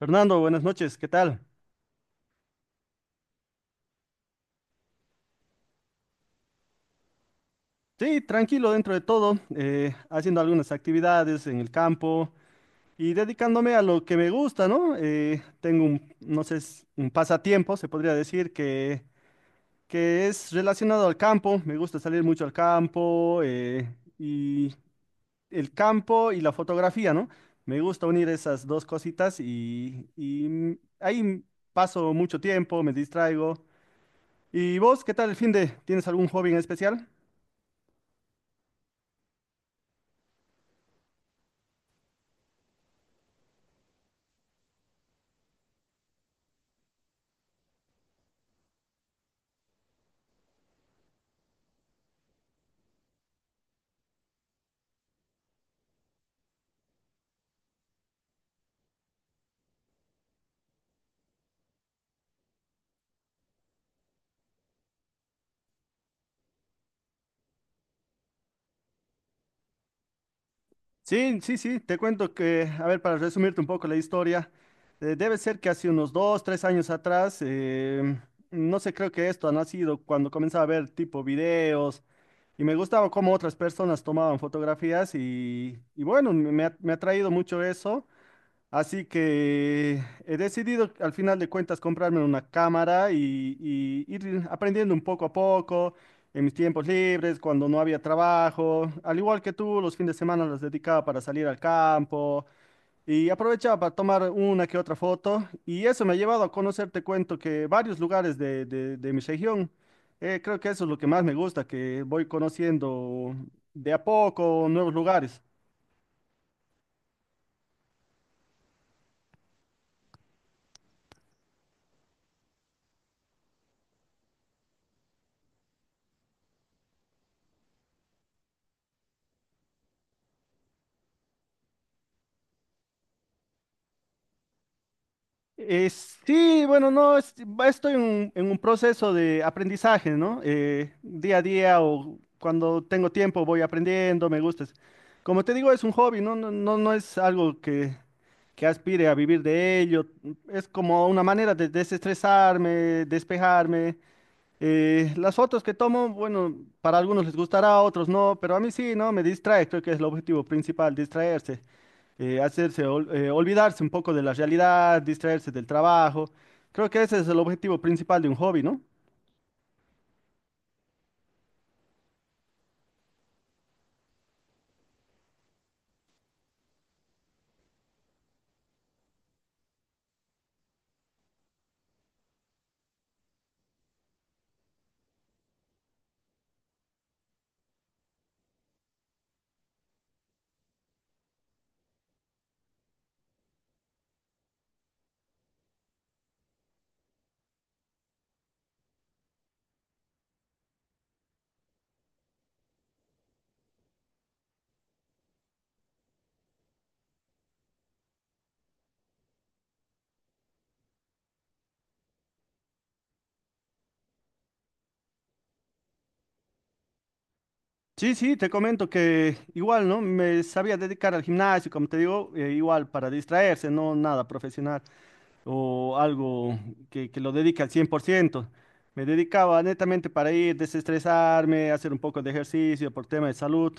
Fernando, buenas noches, ¿qué tal? Sí, tranquilo dentro de todo, haciendo algunas actividades en el campo y dedicándome a lo que me gusta, ¿no? Tengo un, no sé, es un pasatiempo, se podría decir, que es relacionado al campo, me gusta salir mucho al campo y el campo y la fotografía, ¿no? Me gusta unir esas dos cositas y ahí paso mucho tiempo, me distraigo. ¿Y vos, qué tal el fin de? ¿Tienes algún hobby en especial? Sí, sí, sí, te cuento que, a ver, para resumirte un poco la historia, debe ser que hace unos 2, 3 años atrás, no sé, creo que esto ha nacido cuando comenzaba a ver tipo videos y me gustaba cómo otras personas tomaban fotografías y bueno, me ha traído mucho eso. Así que he decidido al final de cuentas comprarme una cámara y ir aprendiendo un poco a poco en mis tiempos libres, cuando no había trabajo. Al igual que tú, los fines de semana los dedicaba para salir al campo y aprovechaba para tomar una que otra foto. Y eso me ha llevado a conocer, te cuento, que varios lugares de mi región. Creo que eso es lo que más me gusta, que voy conociendo de a poco nuevos lugares. Sí, bueno, no, estoy en un proceso de aprendizaje, ¿no? Día a día o cuando tengo tiempo voy aprendiendo, me gusta. Como te digo, es un hobby, no, no, no, no es algo que aspire a vivir de ello. Es como una manera de desestresarme, despejarme. Las fotos que tomo, bueno, para algunos les gustará, a otros no, pero a mí sí, ¿no? Me distrae, creo que es el objetivo principal, distraerse hacerse, olvidarse un poco de la realidad, distraerse del trabajo. Creo que ese es el objetivo principal de un hobby, ¿no? Sí, sí, te comento que igual, ¿no? Me sabía dedicar al gimnasio, como te digo, igual para distraerse, no nada profesional o algo que lo dedique al 100%. Me dedicaba netamente para ir, desestresarme, hacer un poco de ejercicio por tema de salud.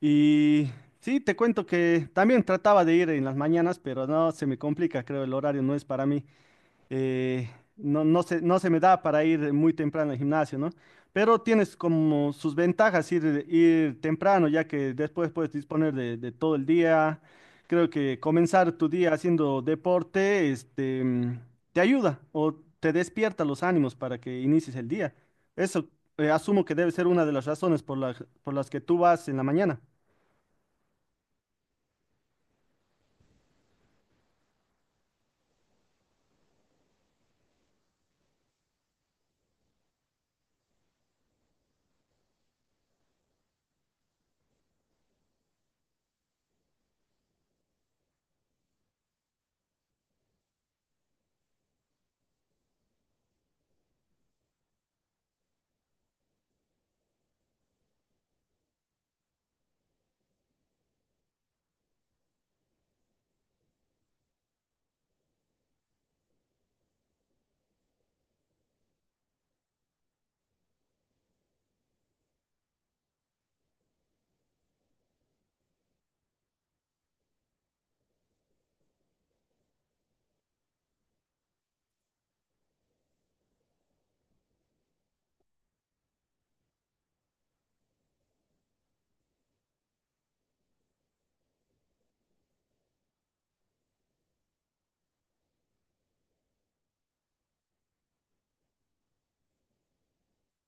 Y sí, te cuento que también trataba de ir en las mañanas, pero no, se me complica, creo, el horario no es para mí. eh, no, no se me da para ir muy temprano al gimnasio, ¿no? Pero tienes como sus ventajas ir, ir temprano, ya que después puedes disponer de todo el día. Creo que comenzar tu día haciendo deporte, te ayuda o te despierta los ánimos para que inicies el día. Eso, asumo que debe ser una de las razones por las que tú vas en la mañana.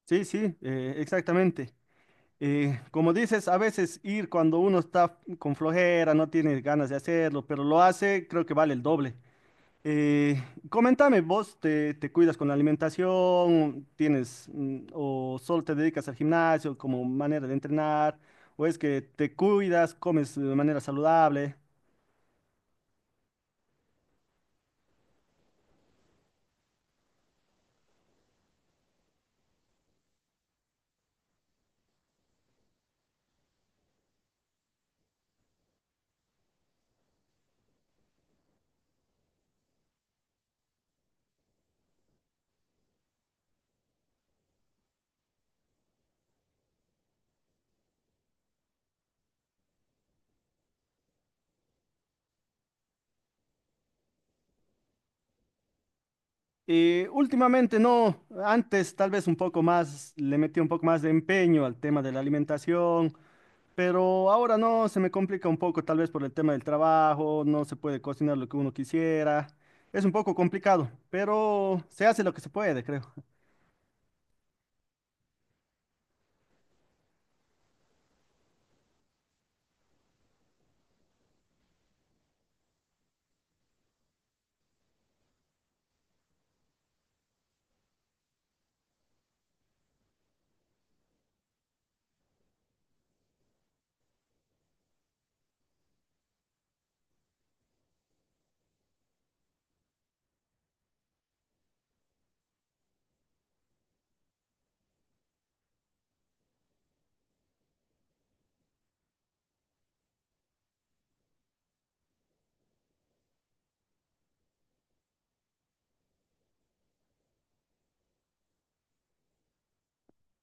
Sí, sí, exactamente. Como dices, a veces ir cuando uno está con flojera, no tiene ganas de hacerlo, pero lo hace, creo que vale el doble. Eh, Coméntame, ¿vos te cuidas con la alimentación? ¿Tienes o solo te dedicas al gimnasio como manera de entrenar? ¿O es que te cuidas, comes de manera saludable? Últimamente no, antes tal vez un poco más, le metí un poco más de empeño al tema de la alimentación. Pero ahora no, se me complica un poco, tal vez por el tema del trabajo, no se puede cocinar lo que uno quisiera. Es un poco complicado, pero se hace lo que se puede, creo.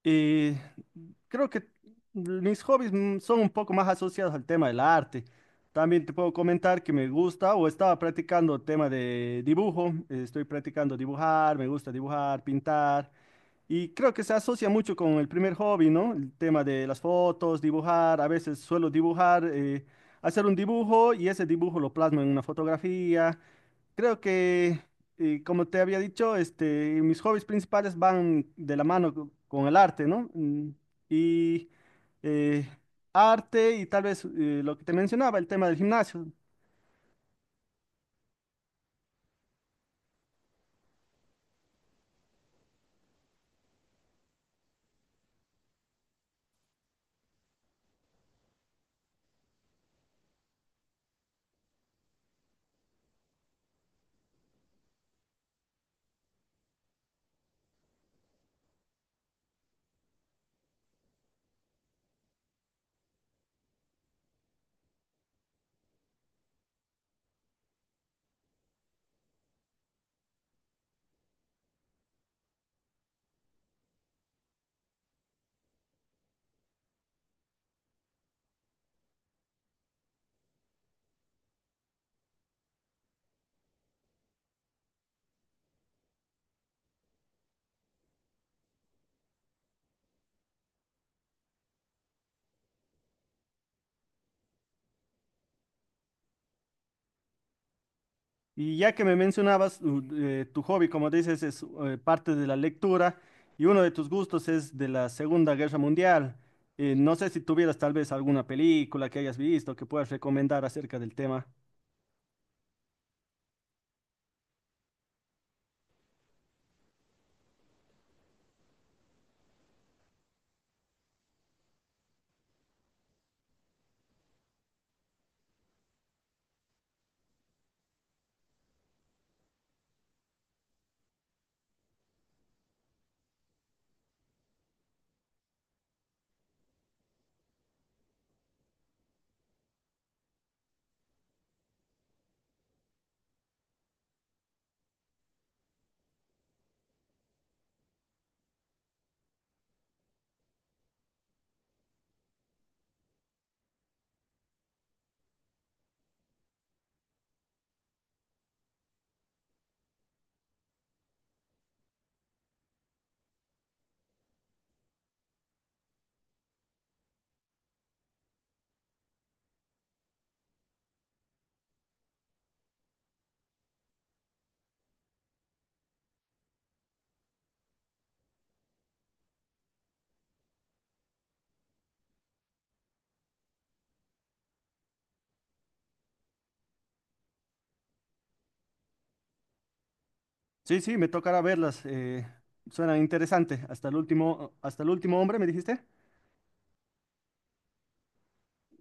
Y creo que mis hobbies son un poco más asociados al tema del arte. También te puedo comentar que me gusta o estaba practicando el tema de dibujo. Estoy practicando dibujar, me gusta dibujar, pintar. Y creo que se asocia mucho con el primer hobby, ¿no? El tema de las fotos, dibujar. A veces suelo dibujar, hacer un dibujo y ese dibujo lo plasmo en una fotografía. Creo que, como te había dicho, mis hobbies principales van de la mano con el arte, ¿no? Y eh, arte y tal vez lo que te mencionaba, el tema del gimnasio. Y ya que me mencionabas, tu hobby, como dices, es parte de la lectura y uno de tus gustos es de la Segunda Guerra Mundial. No sé si tuvieras tal vez alguna película que hayas visto que puedas recomendar acerca del tema. Sí, sí, me tocará verlas. Suenan interesante. Hasta el último hombre, ¿me dijiste?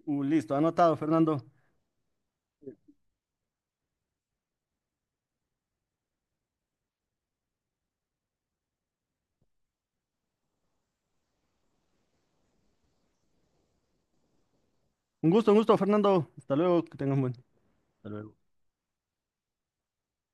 Listo, anotado, Fernando. Un gusto, Fernando. Hasta luego, que tengas un buen. Hasta luego.